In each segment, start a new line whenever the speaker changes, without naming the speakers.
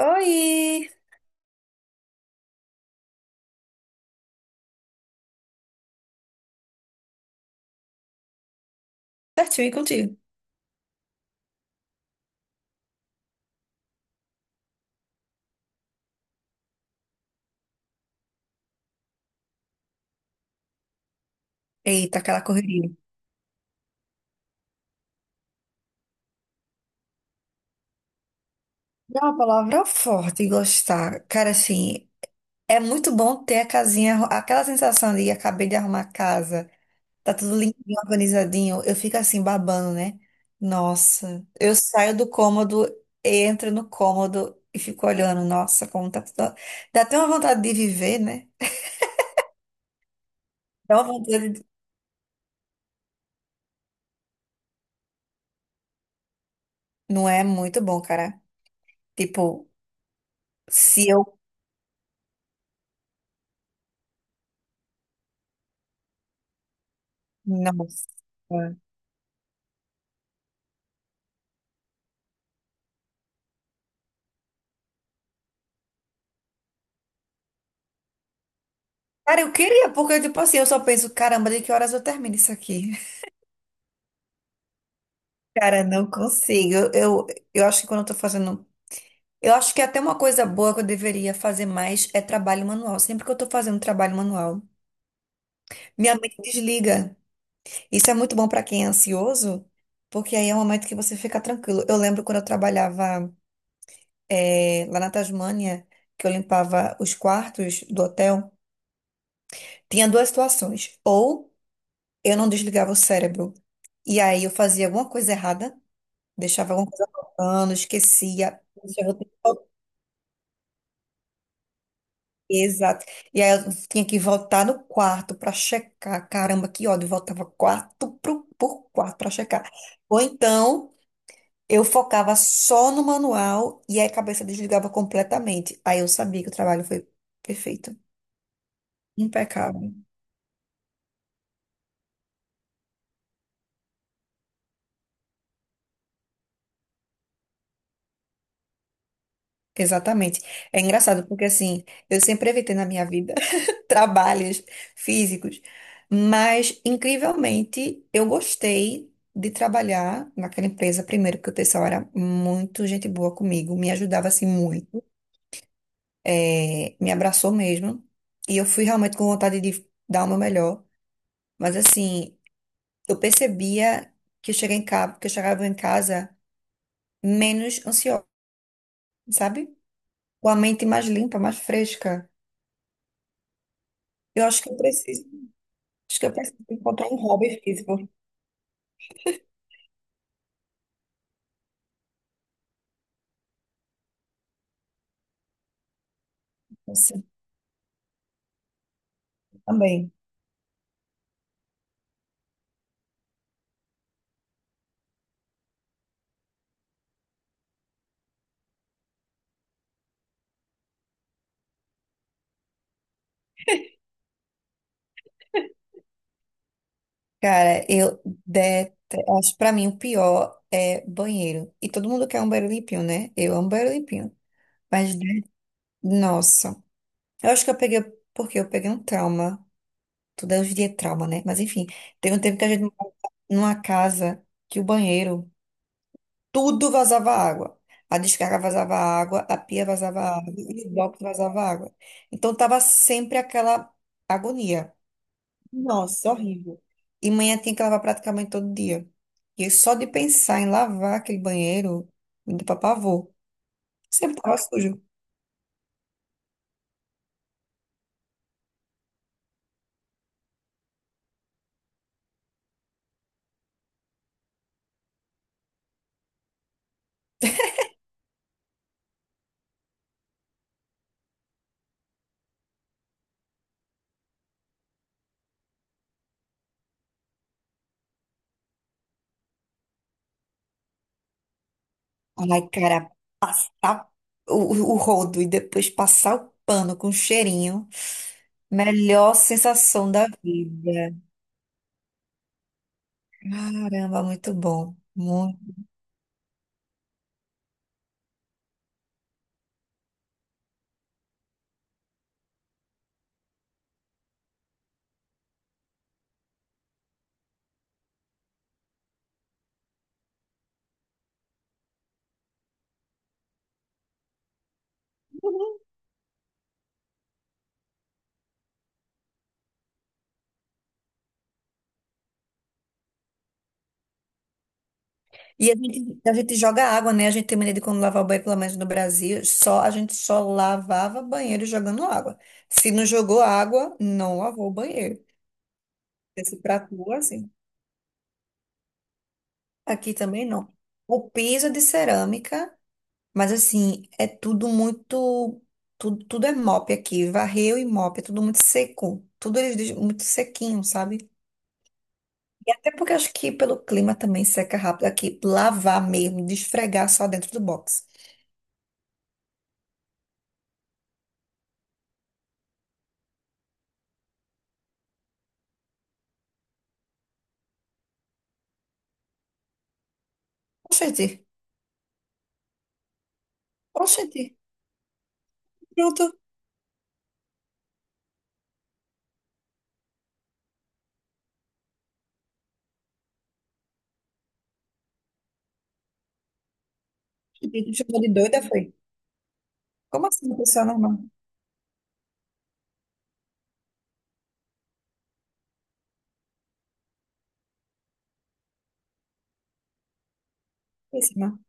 Oi! Certinho, e contigo? Eita, aquela correria. É uma palavra forte, gostar. Cara, assim, é muito bom ter a casinha, aquela sensação de acabei de arrumar a casa, tá tudo limpinho, organizadinho. Eu fico assim, babando, né? Nossa, eu saio do cômodo, entro no cômodo e fico olhando. Nossa, como tá tudo. Dá até uma vontade de viver, né? Dá uma vontade. Não é muito bom, cara. Tipo, se eu. Nossa. Cara, eu queria, porque, tipo assim, eu só penso, caramba, de que horas eu termino isso aqui? Cara, não consigo. Eu acho que quando eu tô fazendo. Eu acho que até uma coisa boa que eu deveria fazer mais é trabalho manual. Sempre que eu tô fazendo trabalho manual, minha mente desliga. Isso é muito bom pra quem é ansioso, porque aí é um momento que você fica tranquilo. Eu lembro quando eu trabalhava, lá na Tasmânia, que eu limpava os quartos do hotel, tinha duas situações. Ou eu não desligava o cérebro, e aí eu fazia alguma coisa errada. Deixava alguma coisa faltando, esquecia. Puxa, eu vou ter que voltar. Exato. E aí eu tinha que voltar no quarto para checar. Caramba, que ódio. Voltava por quarto para checar. Ou então eu focava só no manual e aí a cabeça desligava completamente. Aí eu sabia que o trabalho foi perfeito. Impecável. Exatamente. É engraçado, porque assim, eu sempre evitei na minha vida. Trabalhos físicos. Mas, incrivelmente, eu gostei de trabalhar naquela empresa, primeiro, porque o pessoal era muito gente boa comigo, me ajudava assim muito, me abraçou mesmo. E eu fui realmente com vontade de dar o meu melhor. Mas, assim, eu percebia que eu cheguei em casa, que eu chegava em casa menos ansiosa, sabe? Com a mente mais limpa, mais fresca. Eu acho que eu preciso, acho que eu preciso encontrar um hobby físico assim, também. Cara, eu detesto. Acho que pra mim o pior é banheiro. E todo mundo quer um banheiro limpinho, né? Eu amo banheiro limpinho. Mas, de- Nossa. Eu acho que eu peguei. Porque eu peguei um trauma. Tudo é hoje em dia é trauma, né? Mas enfim, teve um tempo que a gente morava numa casa que o banheiro, tudo vazava água. A descarga vazava água, a pia vazava água, o box vazava água. Então tava sempre aquela agonia. Nossa, horrível. E manhã tinha que lavar praticamente todo dia. E eu só de pensar em lavar aquele banheiro, me deu pra pavor. Sempre tava sujo. Ai, cara, tá o, o rodo e depois passar o pano com cheirinho. Melhor sensação da vida. Caramba, muito bom. Muito. A gente joga água, né? A gente tem mania de quando lavar o banheiro, pelo menos no Brasil, só, a gente só lavava banheiro jogando água. Se não jogou água, não lavou o banheiro. Esse prato assim. Aqui também não. O piso é de cerâmica, mas assim, é tudo muito. Tudo, tudo é mop aqui. Varreu e mop, é tudo muito seco. Tudo eles dizem muito sequinho, sabe? E até porque acho que pelo clima também seca rápido aqui. Lavar mesmo, desfregar só dentro do box. Oxente, oxente, pronto. Gente, me chamou de doida, foi? Como assim, uma pessoa normal? Péssima.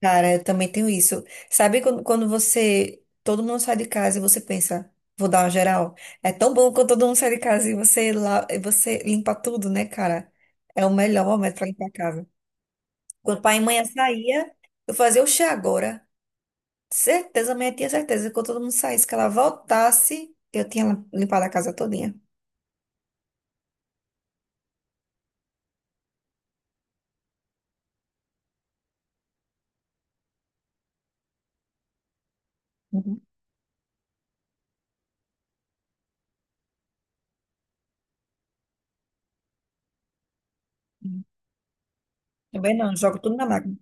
Cara, eu também tenho isso. Sabe quando você, todo mundo sai de casa e você pensa, vou dar uma geral? É tão bom quando todo mundo sai de casa e você lá, e você limpa tudo, né, cara? É o melhor momento pra limpar a casa. Quando pai e mãe saía, eu fazia o chá agora. Certeza, minha tinha certeza que quando todo mundo saísse, que ela voltasse, eu tinha limpado a casa todinha. Uhum. Também não, jogo tudo na máquina.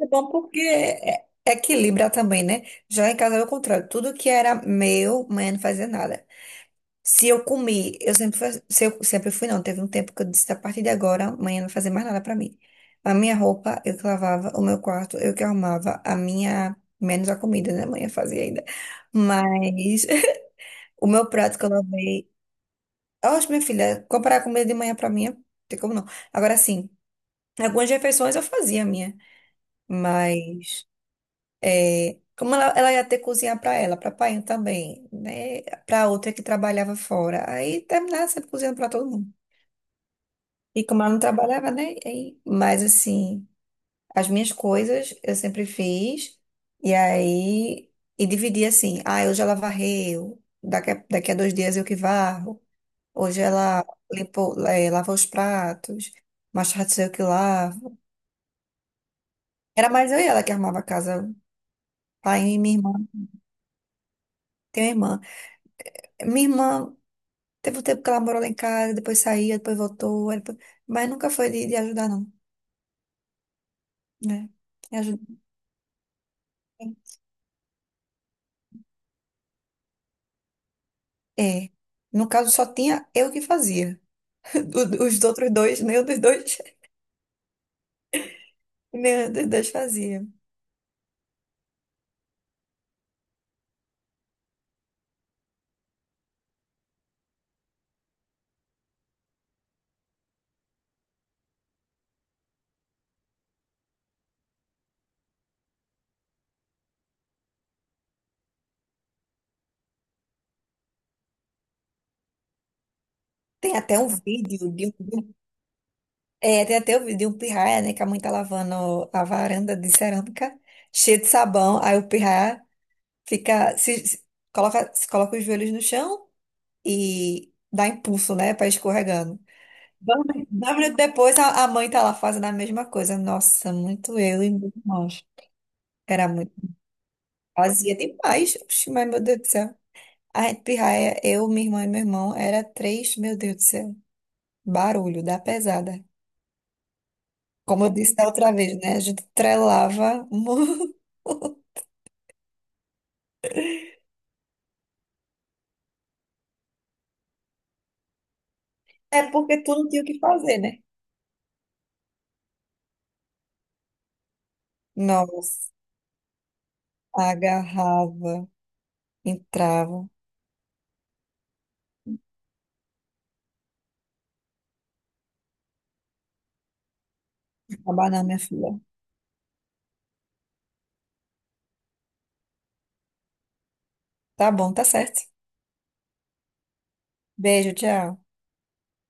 É bom porque é- equilibra também, né? Já em casa é o contrário. Tudo que era meu, mãe não fazia nada. Se eu comi, eu sempre, se eu sempre fui, não. Teve um tempo que eu disse, a partir de agora, amanhã não vai fazer mais nada pra mim. A minha roupa, eu que lavava, o meu quarto, eu que arrumava, a minha, menos a comida, né? Amanhã fazia ainda. Mas o meu prato que eu lavei. Oxe, minha filha, comprar a comida de manhã pra mim, não tem como não. Agora sim, algumas refeições eu fazia a minha, mas é, como ela ia ter que cozinhar pra ela, pra pai também, né? Pra outra que trabalhava fora. Aí terminava sempre cozinhando pra todo mundo. E como ela não trabalhava, né? E- Mas assim, as minhas coisas eu sempre fiz. E aí, e dividi assim, ah, hoje ela varreu, daqui a 2 dias eu que varro. Hoje ela limpou, lava os pratos, mais tarde sou eu que lavo. Era mais eu e ela que arrumava a casa. Pai e minha irmã. Tenho uma irmã. Minha irmã teve um tempo que ela morou lá em casa, depois saía, depois voltou, aí depois- mas nunca foi de ajudar, não, né? Me ajudou. É. No caso, só tinha eu que fazia. Os outros dois, nenhum dos dois, nenhum dos dois fazia. Tem até um vídeo, tem até o vídeo de um pirraia, né, que a mãe tá lavando a varanda de cerâmica cheia de sabão, aí o pirraia fica se coloca os joelhos no chão e dá impulso, né, para escorregando. Dois minutos depois a mãe tá lá fazendo a mesma coisa. Nossa, muito eu e muito nós. Era muito. Fazia demais. Oxi, mas meu Deus do céu. A gente pirraia, eu, minha irmã e meu irmão, era três, meu Deus do céu, barulho da pesada. Como eu disse da outra vez, né? A gente trelava muito. É porque tu não tinha o que fazer, né? Nossa, agarrava, entrava. Acabar não, minha filha. Tá bom, tá certo. Beijo, tchau.